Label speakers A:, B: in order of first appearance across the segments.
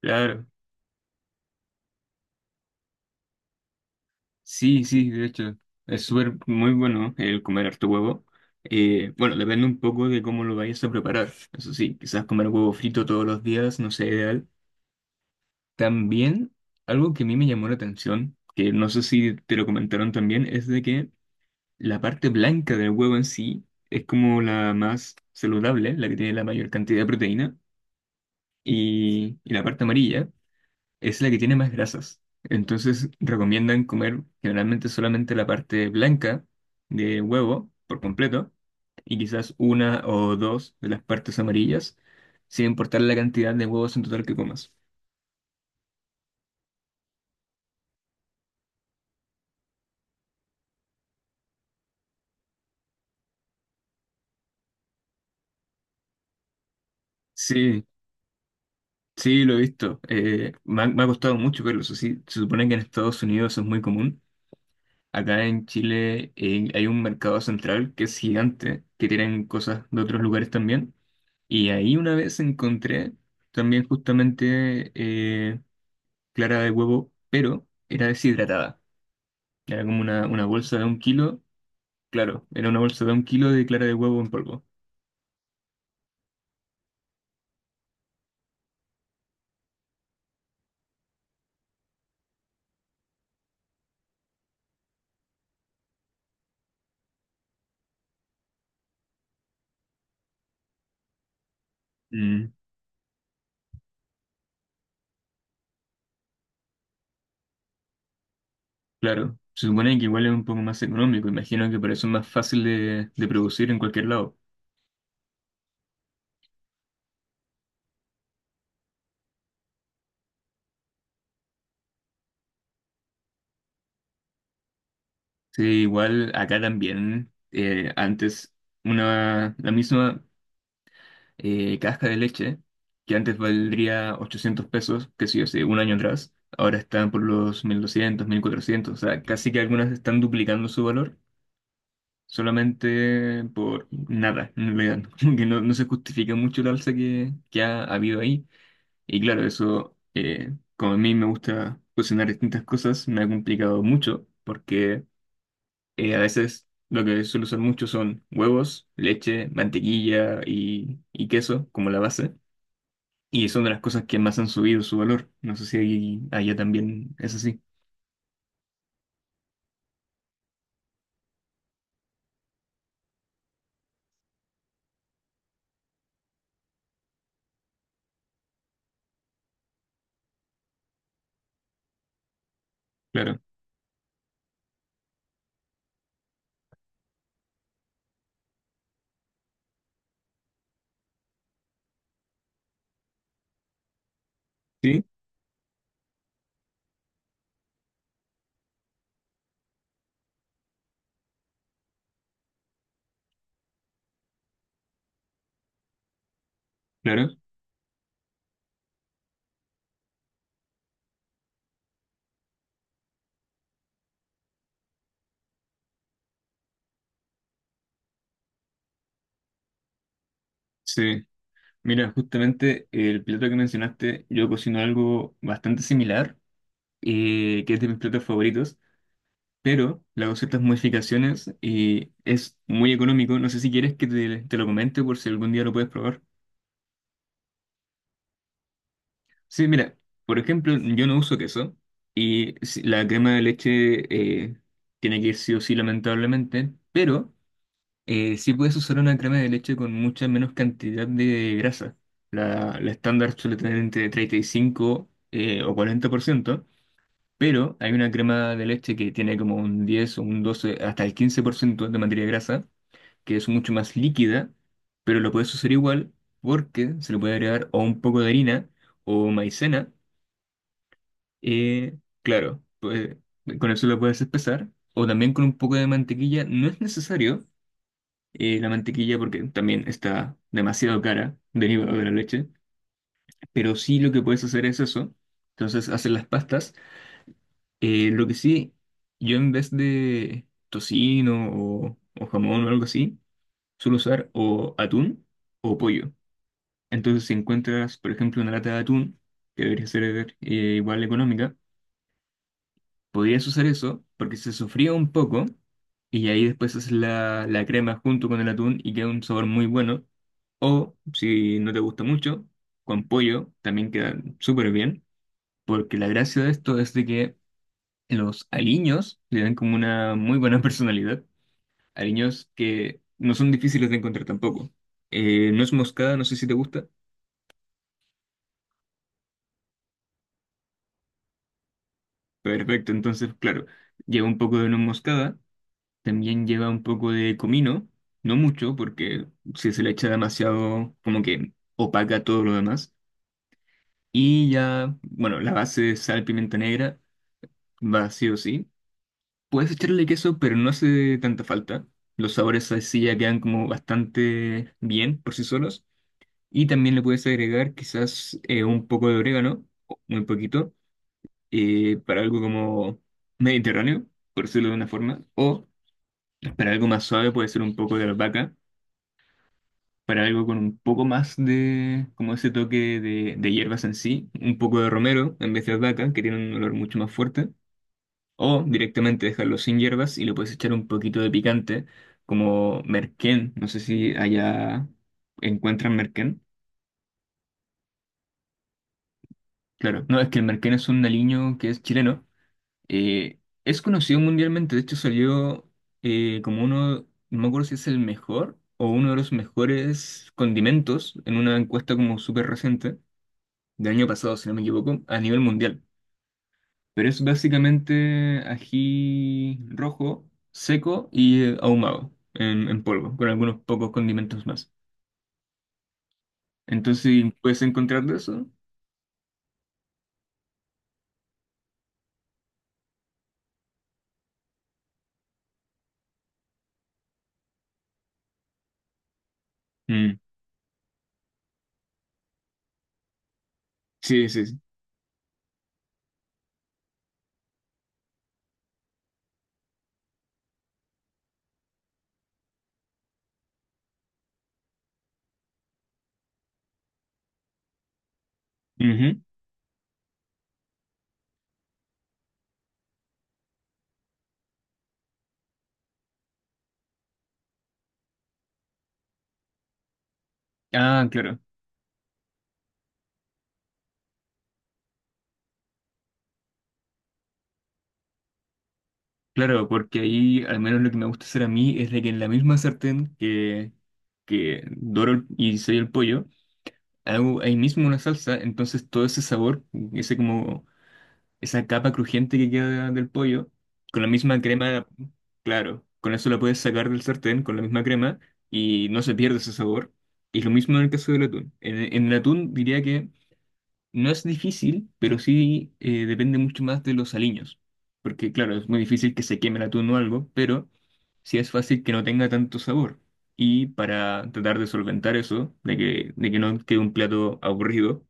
A: Claro, sí, sí, de hecho, es súper muy bueno el comer harto huevo. Bueno, depende un poco de cómo lo vayas a preparar. Eso sí, quizás comer huevo frito todos los días no sea ideal. También, algo que a mí me llamó la atención, que no sé si te lo comentaron también, es de que la parte blanca del huevo en sí es como la más saludable, la que tiene la mayor cantidad de proteína, y la parte amarilla es la que tiene más grasas. Entonces recomiendan comer generalmente solamente la parte blanca de huevo por completo y quizás una o dos de las partes amarillas, sin importar la cantidad de huevos en total que comas. Sí, sí, lo he visto. Me ha costado mucho verlo, eso sí. Se supone que en Estados Unidos es muy común. Acá en Chile hay un mercado central que es gigante, que tienen cosas de otros lugares también. Y ahí una vez encontré también justamente clara de huevo, pero era deshidratada. Era como una bolsa de un kilo, claro, era una bolsa de un kilo de clara de huevo en polvo. Mm, claro, se supone que igual es un poco más económico, imagino que por eso es más fácil de producir en cualquier lado. Sí, igual acá también, antes una, la misma... casca de leche, que antes valdría 800 pesos, que sí, hace un año atrás, ahora están por los 1.200 1.400, o sea, casi que algunas están duplicando su valor solamente por nada, en realidad, como que no se justifica mucho el alza que ha habido ahí. Y claro, eso, como a mí me gusta cocinar distintas cosas, me ha complicado mucho, porque a veces... Lo que suelo usar mucho son huevos, leche, mantequilla y queso como la base. Y son de las cosas que más han subido su valor. No sé si allá también es así. Claro. Sí, claro. Sí. Mira, justamente el plato que mencionaste, yo cocino algo bastante similar, que es de mis platos favoritos, pero le hago ciertas modificaciones y es muy económico. No sé si quieres que te lo comente por si algún día lo puedes probar. Sí, mira, por ejemplo, yo no uso queso y la crema de leche tiene que ir sí o sí, lamentablemente, pero... sí puedes usar una crema de leche con mucha menos cantidad de grasa. La estándar suele tener entre 35 o 40%, pero hay una crema de leche que tiene como un 10 o un 12 hasta el 15% de materia grasa, que es mucho más líquida, pero lo puedes usar igual porque se le puede agregar o un poco de harina o maicena. Claro, pues, con eso lo puedes espesar. O también con un poco de mantequilla, no es necesario la mantequilla porque también está demasiado cara derivada de la leche. Pero sí lo que puedes hacer es eso. Entonces hacer las pastas. Lo que sí, yo en vez de tocino o jamón o algo así, suelo usar o atún o pollo. Entonces si encuentras, por ejemplo, una lata de atún, que debería ser igual económica, podrías usar eso porque se sofría un poco y ahí después haces la crema junto con el atún y queda un sabor muy bueno. O si no te gusta mucho, con pollo también queda súper bien, porque la gracia de esto es de que los aliños le dan como una muy buena personalidad. Aliños que no son difíciles de encontrar tampoco. No es moscada, no sé si te gusta. Perfecto, entonces claro, lleva un poco de nuez moscada. También lleva un poco de comino, no mucho, porque si se le echa demasiado, como que opaca todo lo demás. Y ya, bueno, la base de sal, pimienta negra, va sí o sí. Puedes echarle queso, pero no hace tanta falta. Los sabores así ya quedan como bastante bien por sí solos. Y también le puedes agregar quizás un poco de orégano, o muy poquito, para algo como mediterráneo, por decirlo de una forma. O para algo más suave puede ser un poco de albahaca, para algo con un poco más de, como ese toque de hierbas en sí, un poco de romero en vez de albahaca, que tiene un olor mucho más fuerte, o directamente dejarlo sin hierbas y le puedes echar un poquito de picante, como merquén, no sé si allá encuentran merquén. Claro, no, es que el merquén es un aliño que es chileno, eh, es conocido mundialmente, de hecho salió como uno, no me acuerdo si es el mejor o uno de los mejores condimentos en una encuesta como súper reciente del año pasado, si no me equivoco, a nivel mundial. Pero es básicamente ají rojo, seco y ahumado en polvo, con algunos pocos condimentos más. Entonces, ¿puedes encontrar de eso? Mm. Sí, sí, sí. Ujú. Ah, claro. Claro, porque ahí al menos lo que me gusta hacer a mí es de que en la misma sartén que doro y sello el pollo, hago ahí mismo una salsa, entonces todo ese sabor, ese como esa capa crujiente que queda del pollo, con la misma crema, claro, con eso la puedes sacar del sartén, con la misma crema, y no se pierde ese sabor. Y lo mismo en el caso del atún. En el atún diría que no es difícil, pero sí depende mucho más de los aliños. Porque claro, es muy difícil que se queme el atún o algo, pero sí es fácil que no tenga tanto sabor. Y para tratar de solventar eso, de que no quede un plato aburrido,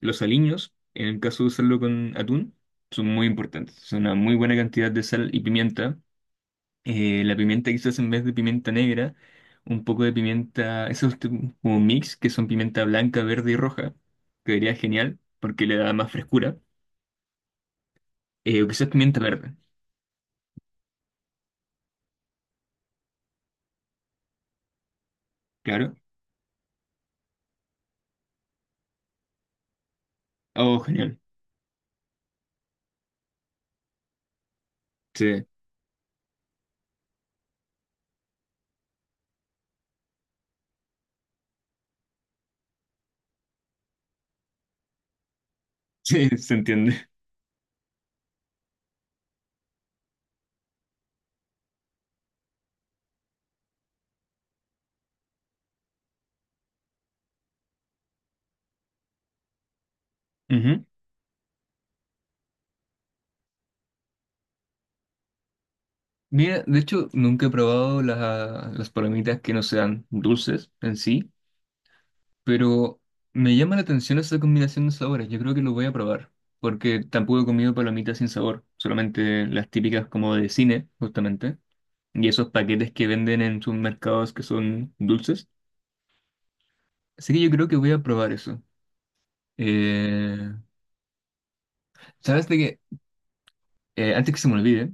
A: los aliños, en el caso de usarlo con atún, son muy importantes. Son una muy buena cantidad de sal y pimienta. La pimienta quizás en vez de pimienta negra, un poco de pimienta, esos como mix, que son pimienta blanca, verde y roja, quedaría genial porque le da más frescura. O quizás pimienta verde, claro. Oh, genial. Sí, sí, se entiende. Ujú. Mira, de hecho, nunca he probado las palomitas que no sean dulces en sí. Pero me llama la atención esa combinación de sabores. Yo creo que lo voy a probar. Porque tampoco he comido palomitas sin sabor. Solamente las típicas como de cine, justamente. Y esos paquetes que venden en sus mercados que son dulces. Así que yo creo que voy a probar eso. Eh, ¿Sabes de qué? Antes que se me olvide,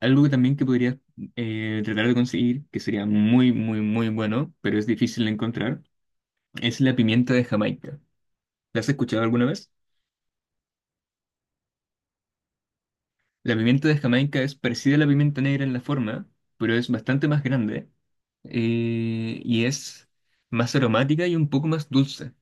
A: algo que también que podrías tratar de conseguir, que sería muy, muy, muy bueno, pero es difícil de encontrar, es la pimienta de Jamaica. ¿La has escuchado alguna vez? La pimienta de Jamaica es parecida a la pimienta negra en la forma, pero es bastante más grande y es más aromática y un poco más dulce.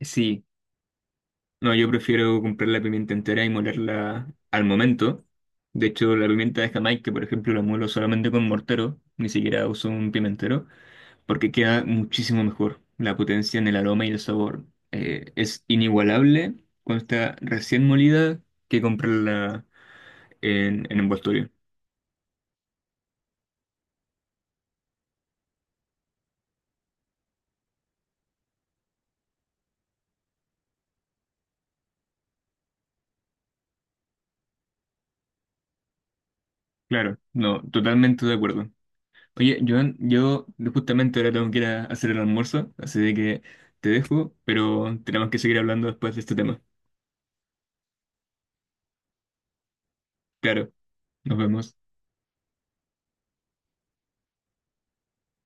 A: Sí, no, yo prefiero comprar la pimienta entera y molerla al momento. De hecho, la pimienta de Jamaica, por ejemplo, la muelo solamente con mortero, ni siquiera uso un pimentero, porque queda muchísimo mejor. La potencia en el aroma y el sabor es inigualable cuando está recién molida que comprarla en envoltorio. Claro, no, totalmente de acuerdo. Oye, Joan, yo justamente ahora tengo que ir a hacer el almuerzo, así de que te dejo, pero tenemos que seguir hablando después de este tema. Claro, nos vemos.